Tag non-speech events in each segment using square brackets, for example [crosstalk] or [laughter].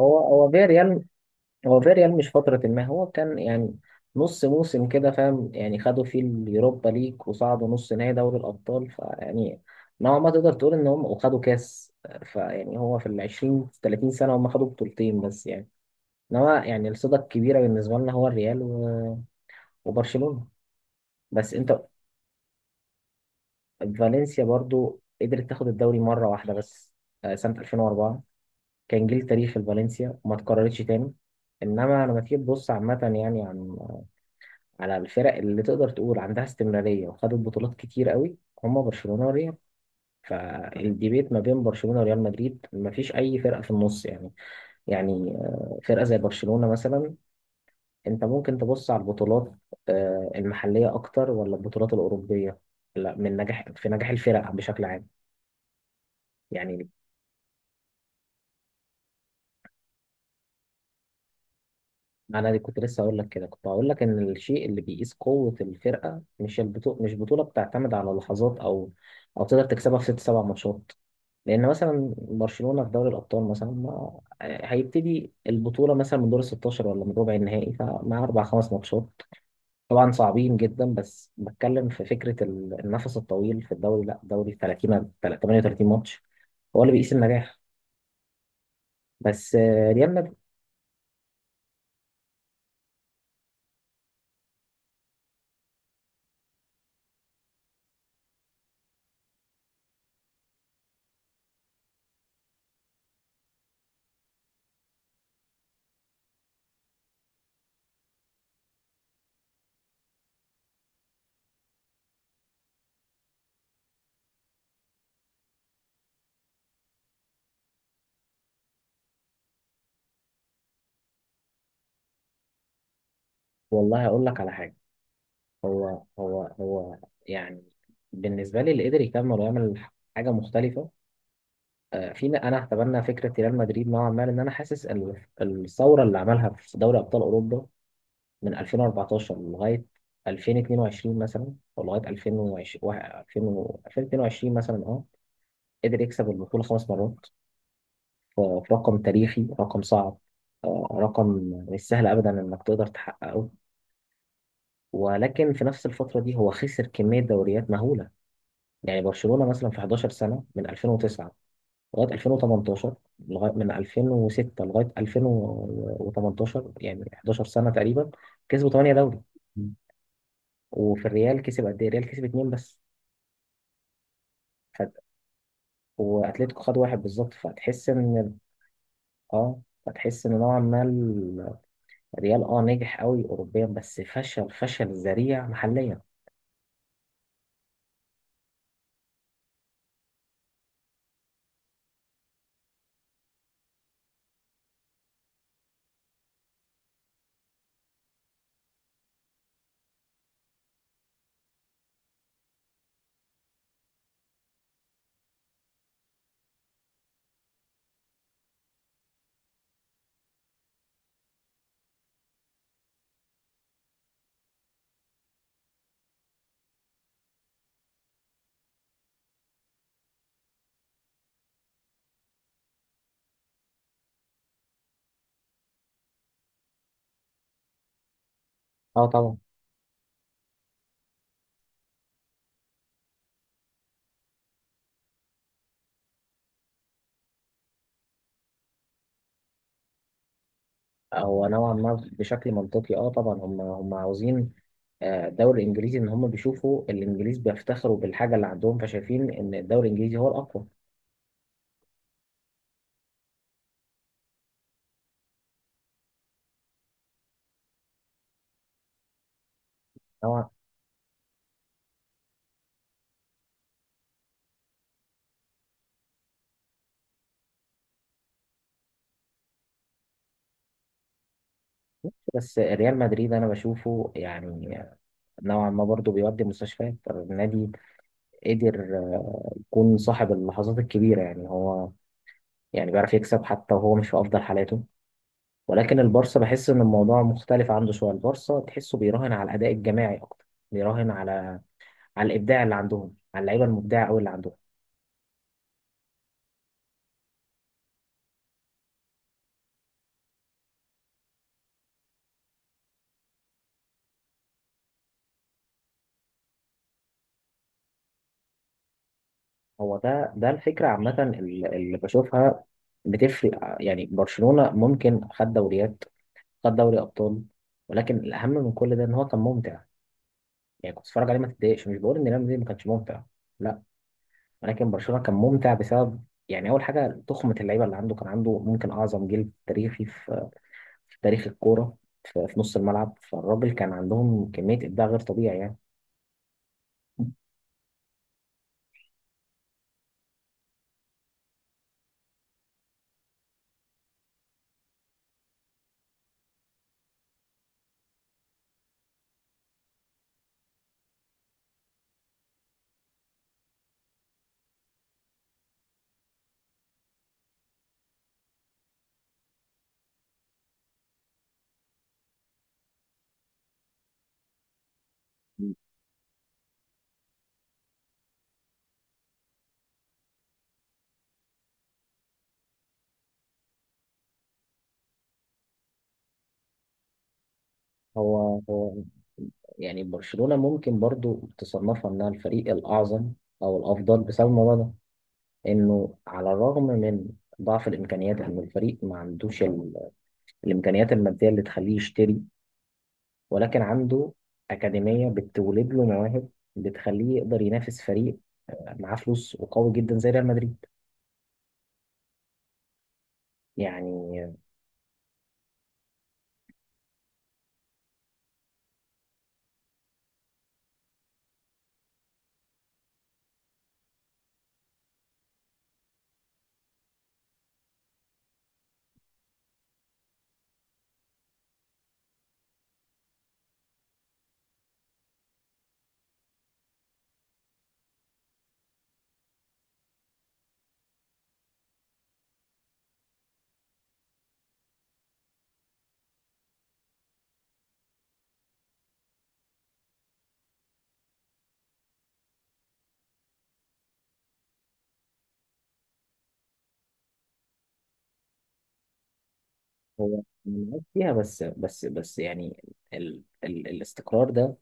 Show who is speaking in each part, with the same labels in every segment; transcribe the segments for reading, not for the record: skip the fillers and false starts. Speaker 1: هو فيريال. فيريال مش فترة، ما هو كان يعني نص موسم كده، فاهم؟ يعني خدوا فيه اليوروبا ليج وصعدوا نص نهائي دوري الأبطال، فيعني نوعا ما تقدر تقول إن هم وخدوا كاس. فيعني هو في العشرين تلاتين سنة هم خدوا بطولتين بس يعني. إنما يعني الصدى الكبيرة بالنسبة لنا هو الريال وبرشلونة. بس أنت... فالنسيا برضو قدرت تاخد الدوري مرة واحدة بس. سنة 2004 كان جيل تاريخي لفالنسيا وما اتكررتش تاني. انما لما تيجي تبص عامه، يعني على الفرق اللي تقدر تقول عندها استمرارية وخدت بطولات كتير قوي، هما برشلونة وريال. فالديبيت ما بين برشلونة وريال مدريد ما فيش أي فرقة في النص يعني. يعني فرقة زي برشلونة مثلا، أنت ممكن تبص على البطولات المحلية أكتر ولا البطولات الأوروبية؟ لا، من نجاح في نجاح الفرق بشكل عام يعني. أنا دي كنت لسه أقول لك كده، كنت هقول لك إن الشيء اللي بيقيس قوة الفرقة مش البطولة، مش بطولة بتعتمد على لحظات، أو تقدر تكسبها في ست سبع ماتشات. لان مثلا برشلونه في دوري الابطال مثلا ما هيبتدي البطوله مثلا من دور ال 16 ولا من ربع النهائي، فمع اربع خمس ماتشات طبعا صعبين جدا. بس بتكلم في النفس الطويل في الدوري. لا، الدوري 38 ماتش هو اللي بيقيس النجاح. بس ريال مدريد... والله هقول لك على حاجه. هو يعني بالنسبه لي، اللي قدر يكمل ويعمل حاجه مختلفه انا هتبنى فكره ريال مدريد نوعا ما، لان انا حاسس الثوره اللي عملها في دوري ابطال اوروبا من 2014 لغاية 2022 مثلا، أو لغاية 2020 2022 مثلا. أه، قدر يكسب البطولة 5 مرات، في رقم تاريخي، رقم صعب، رقم مش سهل أبدا إنك تقدر تحققه. ولكن في نفس الفترة دي هو خسر كمية دوريات مهولة. يعني برشلونة مثلا في 11 سنة، من 2009 لغاية 2018 لغاية من 2006 لغاية 2018، يعني 11 سنة تقريبا، كسبوا 8 دوري. وفي الريال كسب، قد ايه الريال كسب؟ اتنين بس. فت... واتلتيكو خد واحد بالظبط، فتحس ان... اه، فتحس ان نوعا ما الريال اه نجح قوي اوروبيا بس فشل فشل ذريع محليا. اه طبعا. هو نوعا ما بشكل منطقي، اه طبعا هم عاوزين الدوري الانجليزي. ان هم بيشوفوا الانجليز بيفتخروا بالحاجه اللي عندهم، فشايفين ان الدوري الانجليزي هو الاقوى. نوعا. بس ريال مدريد انا بشوفه يعني نوعا ما برضه بيودي مستشفيات النادي. قدر يكون صاحب اللحظات الكبيرة، يعني هو يعني بيعرف يكسب حتى وهو مش في أفضل حالاته. ولكن البارسا بحس إن الموضوع مختلف عنده شوية. البارسا تحسه بيراهن على الأداء الجماعي أكتر، بيراهن على الإبداع اللي عندهم، على اللعيبة المبدعة أوي اللي عندهم. هو ده الفكرة عامة اللي بشوفها بتفرق. يعني برشلونة ممكن خد دوريات، خد دوري أبطال، ولكن الأهم من كل ده إن هو كان ممتع. يعني كنت بتتفرج عليه ما تتضايقش. مش بقول إن ريال مدريد ما كانش ممتع، لا، ولكن برشلونه كان ممتع بسبب يعني اول حاجه، تخمه اللعيبه اللي عنده. كان عنده ممكن اعظم جيل تاريخي في تاريخ الكوره، في نص الملعب. فالراجل كان عندهم كميه ابداع غير طبيعي يعني. هو يعني برشلونة ممكن برضو تصنفها انها الفريق الأعظم أو الأفضل بسبب الموضوع ده، إنه على الرغم من ضعف الإمكانيات، إن الفريق ما عندوش الإمكانيات المادية اللي تخليه يشتري، ولكن عنده أكاديمية بتولد له مواهب بتخليه يقدر ينافس فريق معاه فلوس وقوي جدا زي ريال مدريد يعني. هو مميز فيها، بس بس بس يعني ال الاستقرار ده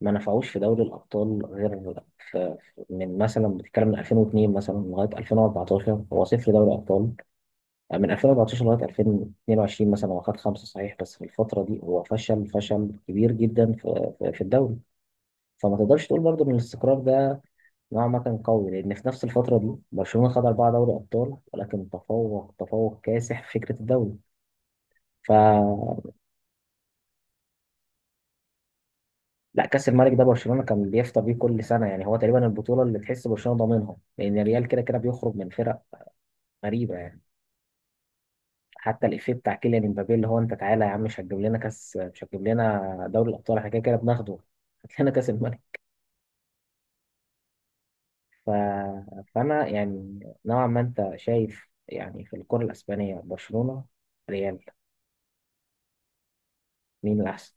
Speaker 1: ما نفعوش في دوري الأبطال غير في... من مثلا بتتكلم من 2002 مثلا لغاية 2014 هو صفر دوري أبطال. من 2014 لغاية 2022 مثلا هو خد 5 صحيح، بس في الفترة دي هو فشل فشل كبير جدا في في الدوري. فما تقدرش تقول برضه ان الاستقرار ده نوعا ما كان قوي، لأن في نفس الفترة دي برشلونة خد 4 دوري أبطال، ولكن تفوق تفوق كاسح في فكرة الدوري. ف... لا، كأس الملك ده برشلونة كان بيفطر بيه كل سنة يعني، هو تقريبا البطولة اللي تحس برشلونة ضامنها، لأن الريال كده كده بيخرج من فرق غريبة يعني. حتى الإفيه بتاع كيليان امبابي اللي هو: أنت تعالى يا عم، مش هتجيب لنا كأس، مش هتجيب لنا دوري الأبطال، احنا كده كده بناخده [laughs] هات لنا كأس الملك. ف... فأنا يعني نوعا ما أنت شايف يعني في الكرة الأسبانية، برشلونة، ريال، مين الأحسن؟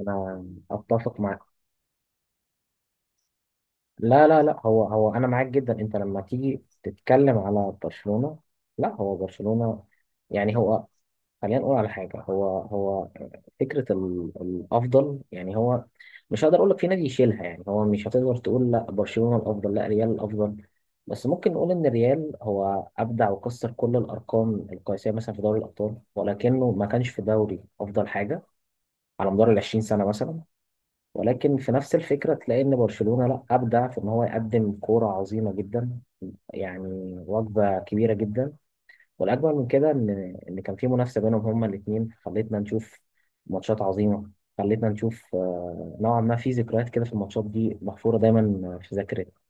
Speaker 1: انا اتفق معاك. لا لا لا، هو هو انا معاك جدا. انت لما تيجي تتكلم على برشلونة، لا، هو برشلونة يعني هو خلينا نقول على حاجة. هو فكرة الافضل يعني، هو مش هقدر اقول لك في نادي يشيلها يعني. هو مش هتقدر تقول لا برشلونة الافضل لا ريال الافضل، بس ممكن نقول ان ريال هو ابدع وكسر كل الارقام القياسية مثلا في دوري الابطال، ولكنه ما كانش في دوري افضل حاجة على مدار ال 20 سنة مثلا. ولكن في نفس الفكرة تلاقي إن برشلونة لأ أبدع في إن هو يقدم كورة عظيمة جدا، يعني وجبة كبيرة جدا. والأجمل من كده إن إن كان في منافسة بينهم هما الاتنين، خلتنا نشوف ماتشات عظيمة، خلتنا نشوف نوعا ما في ذكريات كده في الماتشات دي محفورة دايما في ذاكرتنا.